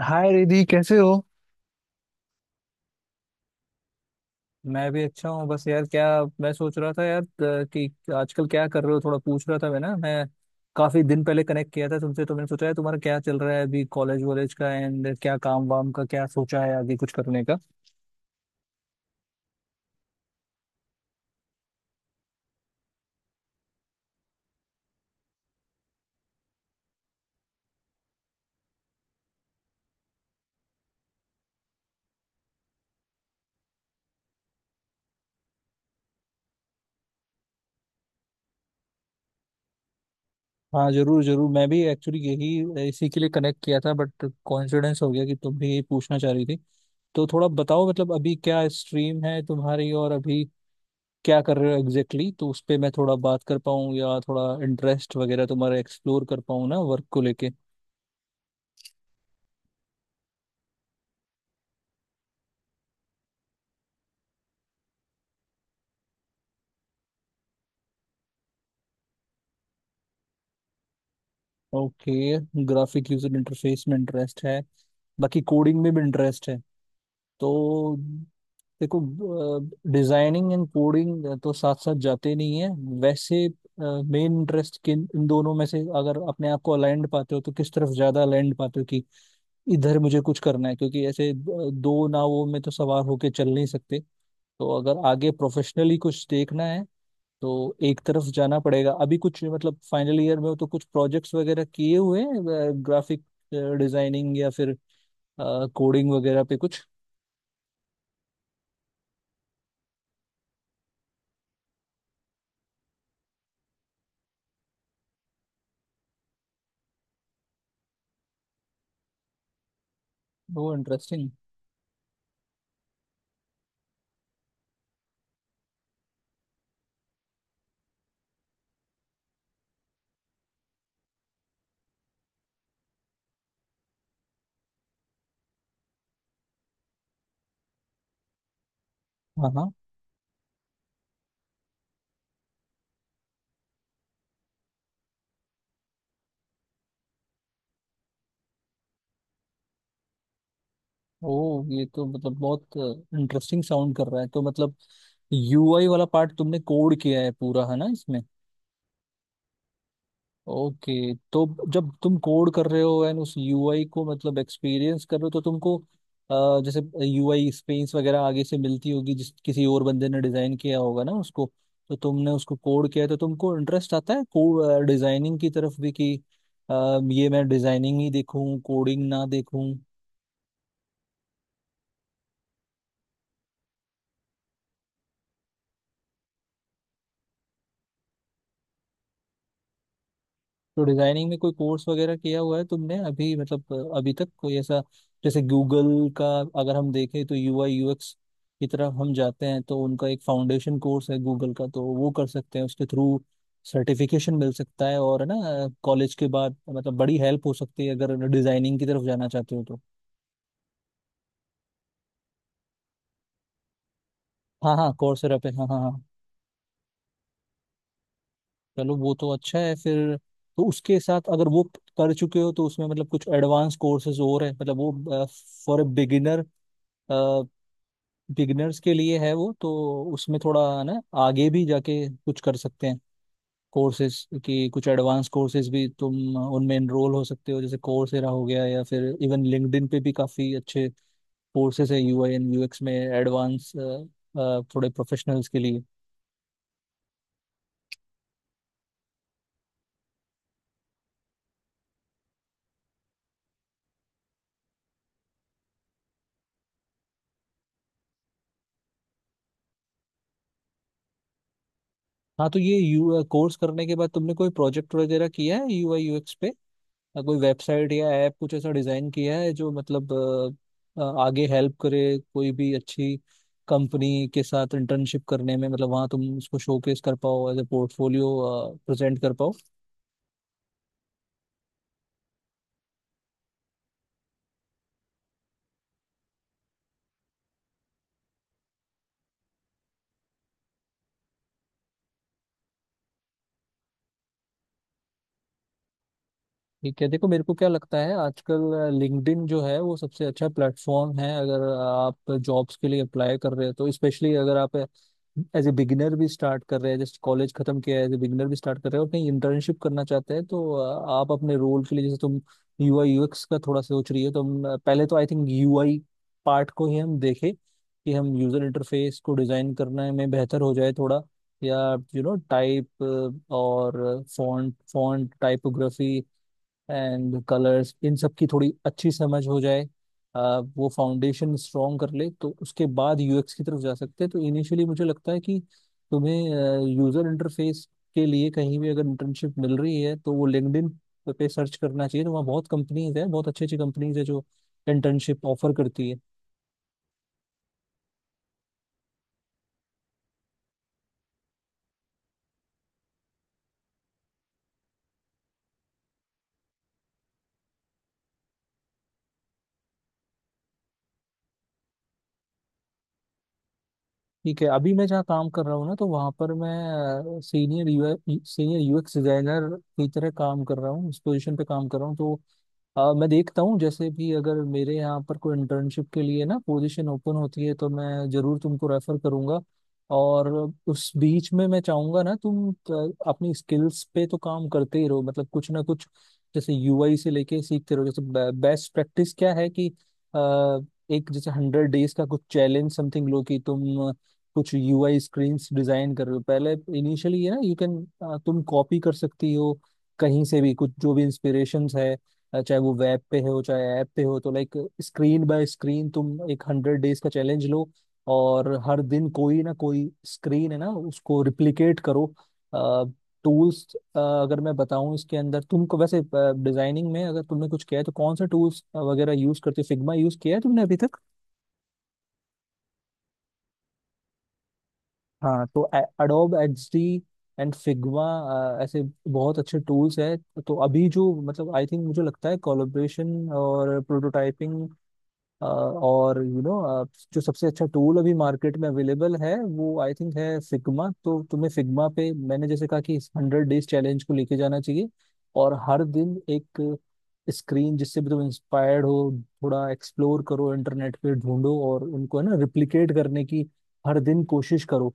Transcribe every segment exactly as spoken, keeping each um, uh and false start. हाय रिधि, कैसे हो। मैं भी अच्छा हूँ। बस यार क्या, मैं सोच रहा था यार, अ, कि आजकल क्या कर रहे हो। थोड़ा पूछ रहा था। मैं ना मैं काफी दिन पहले कनेक्ट किया था तुमसे, तो मैंने सोचा है तुम्हारा क्या चल रहा है अभी। कॉलेज वॉलेज का एंड क्या, काम वाम का क्या सोचा है आगे कुछ करने का। हाँ, जरूर जरूर, मैं भी एक्चुअली यही इसी के लिए कनेक्ट किया था, बट कोइंसिडेंस हो गया कि तुम भी यही पूछना चाह रही थी। तो थोड़ा बताओ, मतलब अभी क्या स्ट्रीम है तुम्हारी, और अभी क्या कर रहे हो एग्जैक्टली exactly, तो उस पे मैं थोड़ा बात कर पाऊँ, या थोड़ा इंटरेस्ट वगैरह तुम्हारा एक्सप्लोर कर पाऊँ ना, वर्क को लेके। ओके। ग्राफिक यूजर इंटरफेस में इंटरेस्ट है, बाकी कोडिंग में भी इंटरेस्ट है तो। देखो, डिजाइनिंग एंड कोडिंग तो साथ साथ जाते नहीं है वैसे। मेन इंटरेस्ट किन, इन दोनों में से अगर अपने आप को अलाइंड पाते हो तो किस तरफ ज्यादा अलाइंड पाते हो कि इधर मुझे कुछ करना है, क्योंकि ऐसे अ, दो नावों में तो सवार होके चल नहीं सकते। तो अगर आगे प्रोफेशनली कुछ देखना है तो एक तरफ जाना पड़ेगा। अभी कुछ मतलब फाइनल ईयर में हो तो कुछ प्रोजेक्ट्स वगैरह किए हुए हैं, ग्राफिक डिजाइनिंग या फिर कोडिंग वगैरह पे कुछ। वो इंटरेस्टिंग। हाँ हाँ। ओ, ये तो मतलब बहुत इंटरेस्टिंग साउंड कर रहा है, तो मतलब यूआई वाला पार्ट तुमने कोड किया है पूरा, है ना इसमें। ओके। तो जब तुम कोड कर रहे हो एंड उस यूआई को मतलब एक्सपीरियंस कर रहे हो, तो तुमको अ, जैसे यूआई स्पेस वगैरह आगे से मिलती होगी, जिस किसी और बंदे ने डिजाइन किया होगा ना उसको, तो तुमने उसको कोड किया है, तो तुमको इंटरेस्ट आता है को डिजाइनिंग की तरफ भी कि अ, ये मैं डिजाइनिंग ही देखूं, कोडिंग ना देखूं। तो डिजाइनिंग में कोई कोर्स वगैरह किया हुआ है तुमने अभी, मतलब अभी तक कोई ऐसा, जैसे गूगल का अगर हम देखें तो यूआई यूएक्स की तरफ हम जाते हैं तो उनका एक फाउंडेशन कोर्स है गूगल का, तो वो कर सकते हैं उसके थ्रू, सर्टिफिकेशन मिल सकता है, और है ना कॉलेज के बाद मतलब बड़ी हेल्प हो सकती है अगर डिजाइनिंग की तरफ जाना चाहते हो तो। हाँ हाँ, कोर्सेरा पे, हाँ हाँ हाँ। चलो वो तो अच्छा है फिर। तो उसके साथ अगर वो कर चुके हो तो उसमें मतलब कुछ एडवांस कोर्सेज और है, मतलब वो फॉर ए बिगिनर, बिगिनर्स के लिए है वो तो। उसमें थोड़ा ना आगे भी जाके कुछ कर सकते हैं, कोर्सेज की कुछ एडवांस कोर्सेज भी तुम उनमें एनरोल हो सकते हो, जैसे कोर्सेरा हो गया, या फिर इवन लिंक्डइन पे भी काफी अच्छे कोर्सेज है यूआई एंड यूएक्स में, एडवांस थोड़े प्रोफेशनल्स के लिए। हाँ तो ये यू कोर्स करने के बाद तुमने कोई प्रोजेक्ट वगैरह किया है यूआई यूएक्स पे? या कोई वेबसाइट या ऐप कुछ ऐसा डिजाइन किया है जो मतलब अ, अ, आगे हेल्प करे, कोई भी अच्छी कंपनी के साथ इंटर्नशिप करने में, मतलब वहाँ तुम उसको शोकेस कर पाओ एज ए पोर्टफोलियो, प्रेजेंट कर पाओ। ठीक है, देखो मेरे को क्या लगता है, आजकल लिंक्डइन जो है वो सबसे अच्छा प्लेटफॉर्म है अगर आप जॉब्स के लिए अप्लाई कर रहे हो तो, स्पेशली अगर आप एज ए बिगिनर भी स्टार्ट कर रहे हैं, जैसे कॉलेज खत्म किया है एज ए बिगिनर भी स्टार्ट कर रहे हो और कहीं इंटर्नशिप करना चाहते हैं, तो अ, आप अपने रोल के लिए, जैसे तुम यूआई यूएक्स का थोड़ा सोच रही हो तो हम, अ, पहले तो आई थिंक यूआई पार्ट को ही हम देखें कि हम यूजर इंटरफेस को डिजाइन करने में बेहतर हो जाए थोड़ा, या यू नो टाइप, और font font typography and colours, इन सब की थोड़ी अच्छी समझ हो जाए, आ, वो फाउंडेशन स्ट्रॉन्ग कर ले तो उसके बाद यूएक्स की तरफ जा सकते हैं। तो इनिशियली मुझे लगता है कि तुम्हें यूजर इंटरफेस के लिए कहीं भी अगर इंटर्नशिप मिल रही है तो वो लिंक्डइन पे सर्च करना चाहिए, तो वहाँ बहुत कंपनीज है, बहुत अच्छी अच्छी कंपनीज है जो इंटर्नशिप ऑफर करती है। ठीक है। अभी मैं जहाँ काम कर रहा हूँ ना, तो वहाँ पर मैं सीनियर यू सीनियर यूएक्स डिजाइनर की तरह काम कर रहा हूँ, इस पोजीशन पे काम कर रहा हूँ, तो अ, मैं देखता हूँ जैसे भी अगर मेरे यहाँ पर कोई इंटर्नशिप के लिए ना पोजीशन ओपन होती है तो मैं जरूर तुमको रेफर करूँगा, और उस बीच में मैं चाहूंगा ना तुम अ, अपनी स्किल्स पे तो काम करते ही रहो, मतलब कुछ ना कुछ जैसे यूआई से लेके सीखते रहो। जैसे बेस्ट प्रैक्टिस क्या है कि अ, एक जैसे हंड्रेड डेज का कुछ चैलेंज समथिंग लो, कि तुम कुछ यूआई स्क्रीन्स डिजाइन कर रहे हो पहले इनिशियली, ये ना यू कैन तुम कॉपी कर सकती हो कहीं से भी कुछ जो भी इंस्पिरेशंस है, अ, चाहे वो वेब पे हो चाहे ऐप पे हो, तो लाइक स्क्रीन बाय स्क्रीन तुम एक हंड्रेड डेज का चैलेंज लो, और हर दिन कोई ना कोई स्क्रीन है ना उसको रिप्लिकेट करो। टूल्स अगर मैं बताऊं इसके अंदर तुमको, वैसे डिजाइनिंग में अगर तुमने कुछ किया है तो कौन सा टूल्स वगैरह यूज करते हो? फिग्मा यूज किया है तुमने अभी तक? हाँ तो एडोब एक्सडी एंड फिग्मा ऐसे बहुत अच्छे टूल्स हैं। तो अभी जो मतलब आई थिंक मुझे लगता है, कोलैबोरेशन और प्रोटोटाइपिंग, अ, और यू you नो जो सबसे अच्छा टूल अभी मार्केट में अवेलेबल है वो आई थिंक है फिग्मा। तो तुम्हें फिग्मा पे मैंने जैसे कहा कि इस हंड्रेड डेज चैलेंज को लेके जाना चाहिए, और हर दिन एक स्क्रीन जिससे भी तुम इंस्पायर्ड हो थोड़ा एक्सप्लोर करो, इंटरनेट पे ढूंढो, और उनको है ना रिप्लिकेट करने की हर दिन कोशिश करो,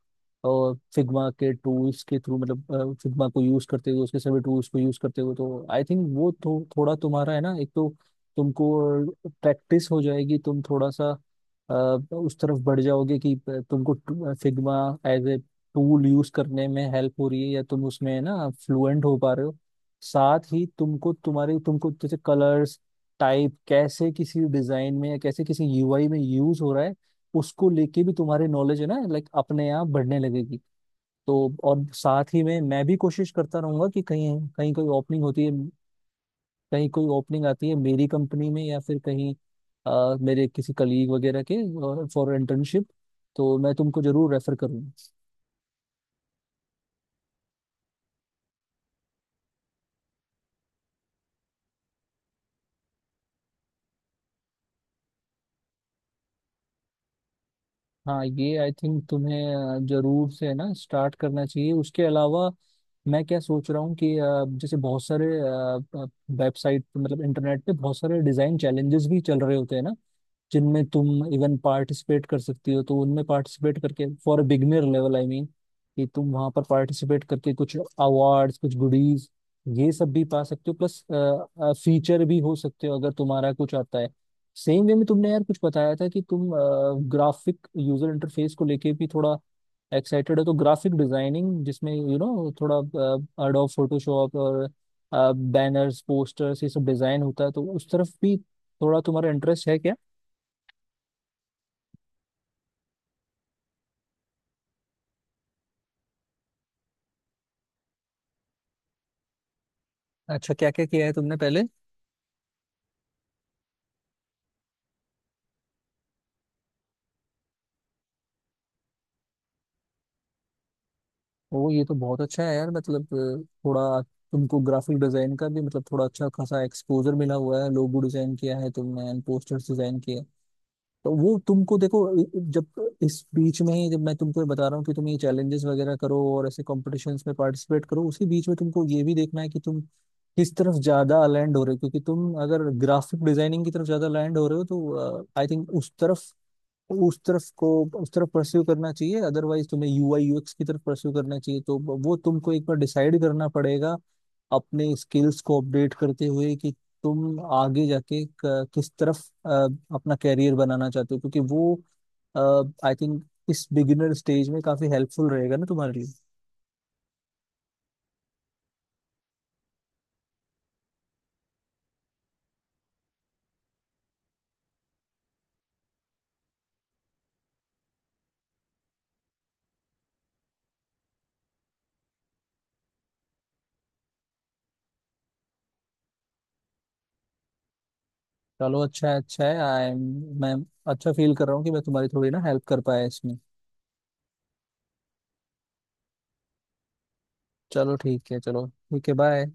और फिग्मा के टूल्स के थ्रू, मतलब फिग्मा को यूज करते हुए उसके सभी टूल्स को यूज करते हुए, तो आई थिंक वो थो, थोड़ा तुम्हारा है ना, एक तो तुमको प्रैक्टिस हो जाएगी, तुम थोड़ा सा अ, उस तरफ बढ़ जाओगे कि तुमको Figma as a tool use करने में हेल्प हो रही है या तुम उसमें ना फ्लुएंट हो पा रहे हो। साथ ही तुमको तुम्हारे तुमको जैसे कलर्स टाइप कैसे किसी डिजाइन में या कैसे किसी यूआई में यूज हो रहा है, उसको लेके भी तुम्हारी नॉलेज है ना लाइक अपने आप बढ़ने लगेगी। तो और साथ ही में मैं भी कोशिश करता रहूंगा कि कहीं कहीं कोई ओपनिंग होती है, कहीं कोई ओपनिंग आती है मेरी कंपनी में, या फिर कहीं अ, मेरे किसी कलीग वगैरह के फॉर इंटर्नशिप, तो मैं तुमको जरूर रेफर करूंगा। हाँ, ये आई थिंक तुम्हें अ, जरूर से है ना स्टार्ट करना चाहिए। उसके अलावा मैं क्या सोच रहा हूँ कि अ, जैसे बहुत सारे वेबसाइट, मतलब इंटरनेट पे बहुत सारे डिजाइन चैलेंजेस भी चल रहे होते हैं ना, जिनमें तुम इवन पार्टिसिपेट कर सकती हो। तो उनमें पार्टिसिपेट करके for beginner level, I mean कि तुम वहां पर पार्टिसिपेट करके कुछ अवार्ड्स, कुछ गुडीज ये सब भी पा सकते हो, प्लस फीचर भी हो सकते हो अगर तुम्हारा कुछ आता है। सेम वे में तुमने यार कुछ बताया था कि तुम ग्राफिक यूजर इंटरफेस को लेके भी थोड़ा एक्साइटेड है, तो ग्राफिक डिजाइनिंग जिसमें यू you नो know, थोड़ा एडोब फोटोशॉप और बैनर्स पोस्टर्स ये सब डिजाइन होता है, तो उस तरफ भी थोड़ा तुम्हारा इंटरेस्ट है क्या? अच्छा, क्या क्या किया है तुमने पहले? ओ ये तो बहुत अच्छा है यार, मतलब अ, थोड़ा तुमको ग्राफिक डिजाइन का भी मतलब थोड़ा अच्छा खासा एक्सपोजर मिला हुआ है, लोगो डिजाइन किया है तुमने एंड पोस्टर्स डिजाइन किया है। तो वो तुमको देखो, इ- इ- जब इस बीच में ही जब मैं तुमको बता रहा हूँ कि तुम ये चैलेंजेस वगैरह करो और ऐसे कॉम्पिटिशन्स में पार्टिसिपेट करो, उसी बीच में तुमको ये भी देखना है कि तुम किस तरफ ज्यादा लैंड हो रहे हो, क्योंकि तुम अगर ग्राफिक डिजाइनिंग की तरफ ज्यादा लैंड हो रहे हो तो आई थिंक उस तरफ उस तरफ को उस तरफ परस्यू करना चाहिए, अदरवाइज तुम्हें यूआई यूएक्स की तरफ परस्यू करना चाहिए। तो ब- वो तुमको एक बार डिसाइड करना पड़ेगा, अपने स्किल्स को अपडेट करते हुए, कि तुम आगे जाके क- किस तरफ अ, अपना कैरियर बनाना चाहते हो, क्योंकि वो आई थिंक इस बिगिनर स्टेज में काफी हेल्पफुल रहेगा ना तुम्हारे लिए। चलो अच्छा है, अच्छा है। आई एम मैं अच्छा फील कर रहा हूँ कि मैं तुम्हारी थोड़ी ना हेल्प कर पाया इसमें। चलो ठीक है, चलो ठीक है, बाय।